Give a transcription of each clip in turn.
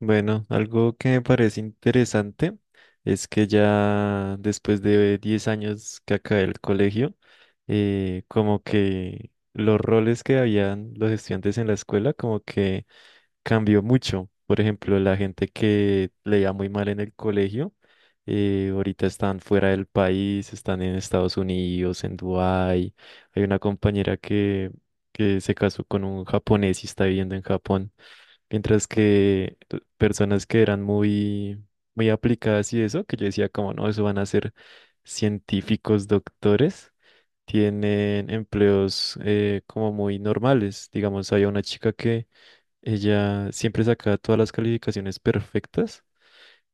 Bueno, algo que me parece interesante es que ya después de 10 años que acabé el colegio, como que los roles que habían los estudiantes en la escuela como que cambió mucho. Por ejemplo, la gente que leía muy mal en el colegio, ahorita están fuera del país, están en Estados Unidos, en Dubái. Hay una compañera que se casó con un japonés y está viviendo en Japón. Mientras que personas que eran muy, muy aplicadas y eso, que yo decía como, no, eso van a ser científicos, doctores, tienen empleos como muy normales. Digamos, había una chica que ella siempre sacaba todas las calificaciones perfectas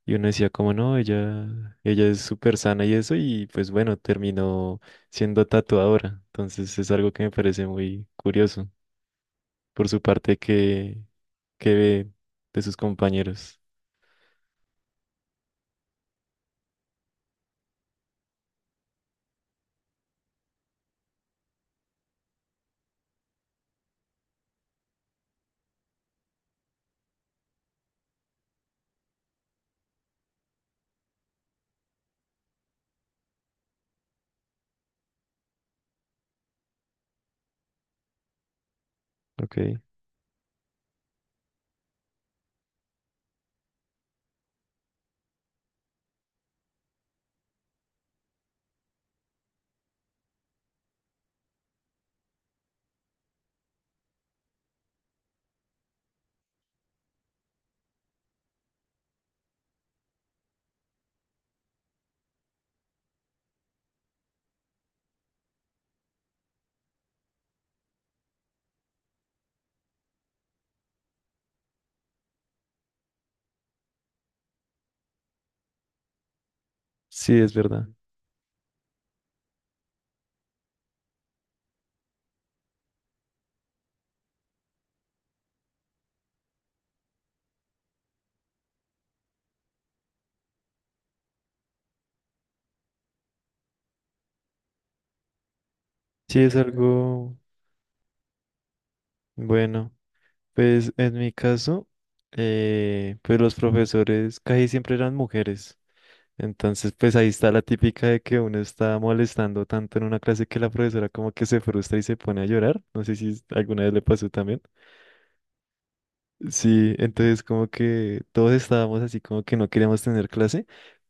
y uno decía como, no, ella es súper sana y eso, y pues bueno, terminó siendo tatuadora. Entonces es algo que me parece muy curioso por su parte que ve de sus compañeros. Ok, sí, es verdad. Sí, es algo bueno. Pues en mi caso, pues los profesores casi siempre eran mujeres. Entonces, pues ahí está la típica de que uno está molestando tanto en una clase que la profesora como que se frustra y se pone a llorar. No sé si alguna vez le pasó también. Sí, entonces como que todos estábamos así como que no queríamos tener clase.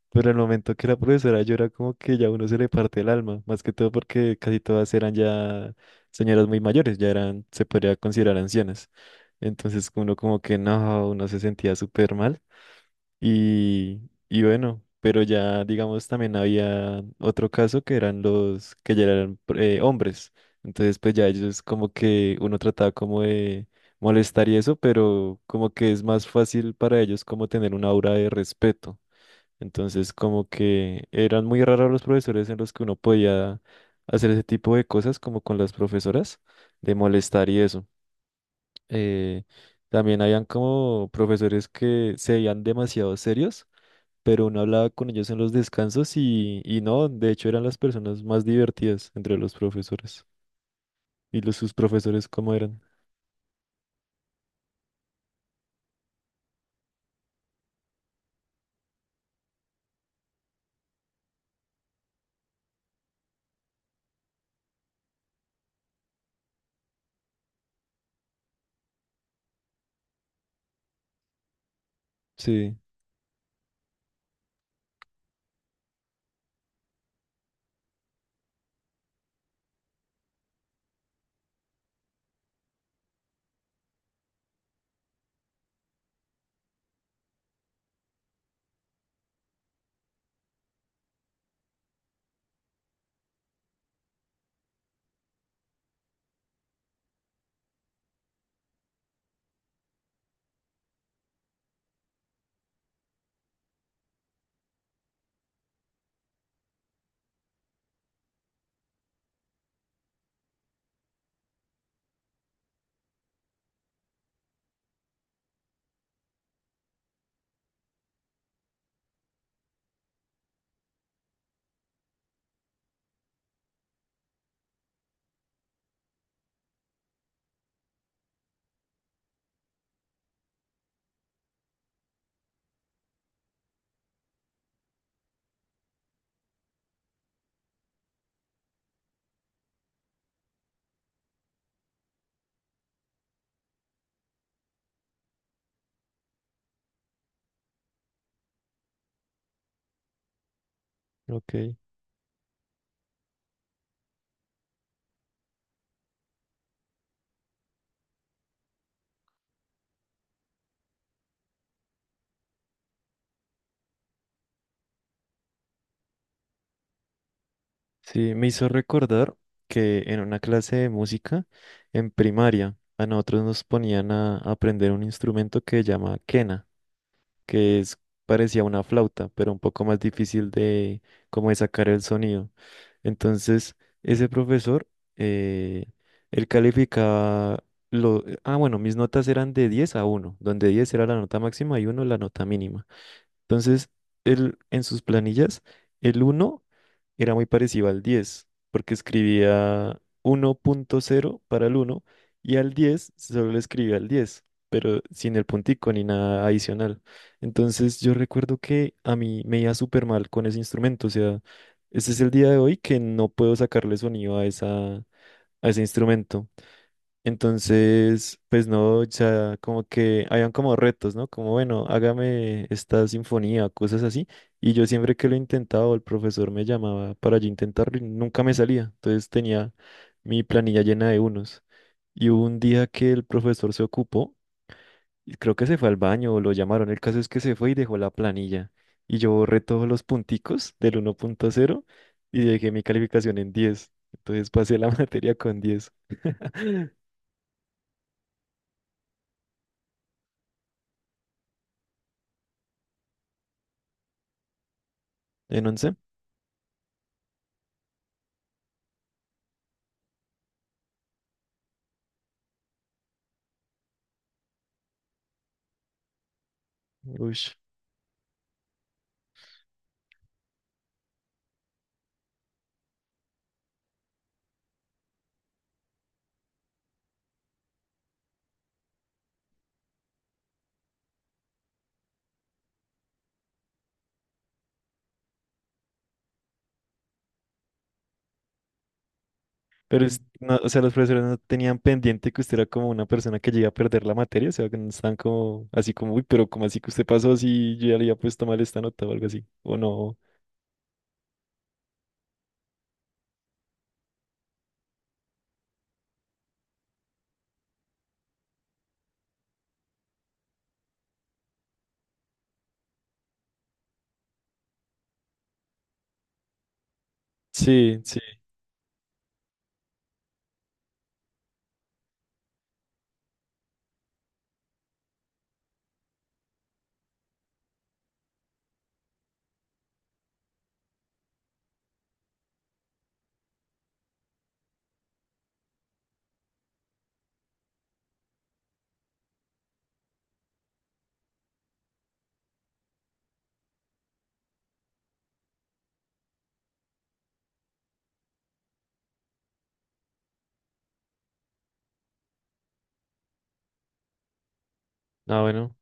Pero el momento que la profesora llora, como que ya uno se le parte el alma, más que todo porque casi todas eran ya señoras muy mayores, ya eran, se podría considerar ancianas. Entonces uno como que no, uno se sentía súper mal. Y, y bueno, pero ya digamos también había otro caso que eran los que ya eran hombres. Entonces pues ya ellos como que uno trataba como de molestar y eso, pero como que es más fácil para ellos como tener una aura de respeto. Entonces, como que eran muy raros los profesores en los que uno podía hacer ese tipo de cosas, como con las profesoras, de molestar y eso. Eh, también habían como profesores que se veían demasiado serios, pero uno hablaba con ellos en los descansos y no, de hecho eran las personas más divertidas entre los profesores. ¿Y los sus profesores cómo eran? Sí, ok. Sí, me hizo recordar que en una clase de música en primaria a nosotros nos ponían a aprender un instrumento que se llama quena, que es parecía una flauta, pero un poco más difícil de como de sacar el sonido. Entonces, ese profesor, eh, él calificaba bueno, mis notas eran de 10 a uno donde 10 era la nota máxima y uno la nota mínima. Entonces, él en sus planillas, el uno era muy parecido al 10 porque escribía 1.0 para el uno y al 10 solo le escribía el 10 pero sin el puntico ni nada adicional. Entonces yo recuerdo que a mí me iba súper mal con ese instrumento, o sea, este es el día de hoy que no puedo sacarle sonido a a ese instrumento. Entonces, pues no, o sea, como que habían como retos, ¿no? Como, bueno, hágame esta sinfonía, cosas así. Y yo siempre que lo intentaba, o el profesor me llamaba para yo intentarlo y nunca me salía. Entonces tenía mi planilla llena de unos. Y hubo un día que el profesor se ocupó, y creo que se fue al baño o lo llamaron. El caso es que se fue y dejó la planilla. Y yo borré todos los punticos del 1.0 y dejé mi calificación en diez. Entonces pasé la materia con diez. En 11. Uy. Pero, no, o sea, los profesores no tenían pendiente que usted era como una persona que llega a perder la materia, o sea, que no están como así como, uy, pero como así que usted pasó si yo ya le había puesto mal esta nota o algo así, o no. Sí, sí. Ah, bueno,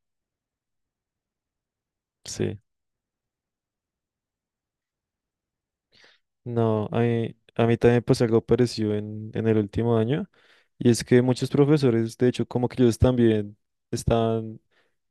sí. No, a mí también me pasó algo parecido en, el último año, y es que muchos profesores, de hecho, como que ellos también están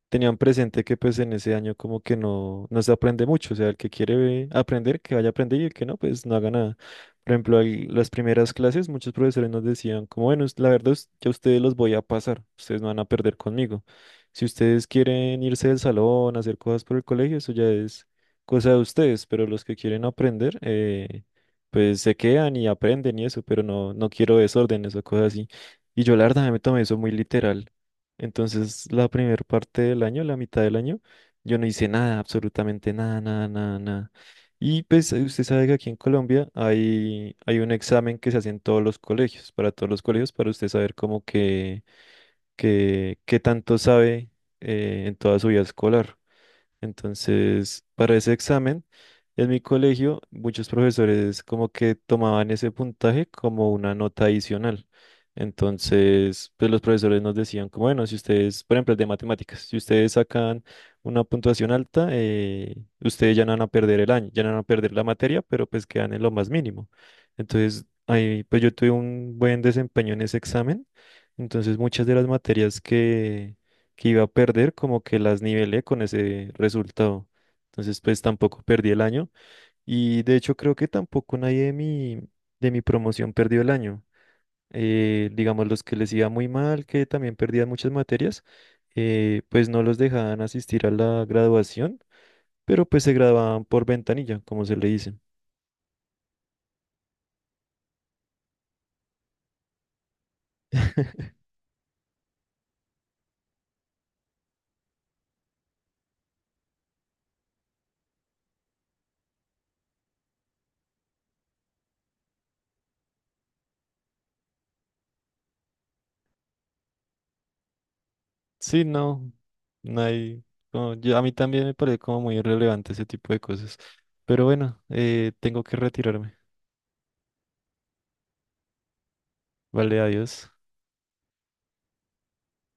tenían presente que pues en ese año como que no, no se aprende mucho, o sea, el que quiere aprender, que vaya a aprender y el que no, pues no haga nada. Por ejemplo, en las primeras clases muchos profesores nos decían como, bueno, la verdad es que a ustedes los voy a pasar, ustedes no van a perder conmigo. Si ustedes quieren irse del salón, hacer cosas por el colegio, eso ya es cosa de ustedes, pero los que quieren aprender, pues se quedan y aprenden y eso, pero no, no quiero desórdenes o cosas así. Y yo la verdad me tomé eso muy literal. Entonces, la primera parte del año, la mitad del año, yo no hice nada, absolutamente nada, nada, nada, nada. Y pues usted sabe que aquí en Colombia hay, hay un examen que se hace en todos los colegios, para todos los colegios, para usted saber cómo que, qué tanto sabe en toda su vida escolar. Entonces, para ese examen, en mi colegio, muchos profesores como que tomaban ese puntaje como una nota adicional. Entonces, pues los profesores nos decían como, bueno, si ustedes, por ejemplo, el de matemáticas, si ustedes sacan una puntuación alta, ustedes ya no van a perder el año, ya no van a perder la materia, pero pues quedan en lo más mínimo. Entonces, ahí, pues yo tuve un buen desempeño en ese examen. Entonces, muchas de las materias que iba a perder, como que las nivelé con ese resultado. Entonces, pues tampoco perdí el año. Y de hecho, creo que tampoco nadie de mi, de mi promoción perdió el año. Digamos, los que les iba muy mal, que también perdían muchas materias, pues no los dejaban asistir a la graduación, pero pues se graduaban por ventanilla, como se le dice. Sí, no, no hay, no, a mí también me parece como muy irrelevante ese tipo de cosas. Pero bueno, tengo que retirarme. Vale, adiós.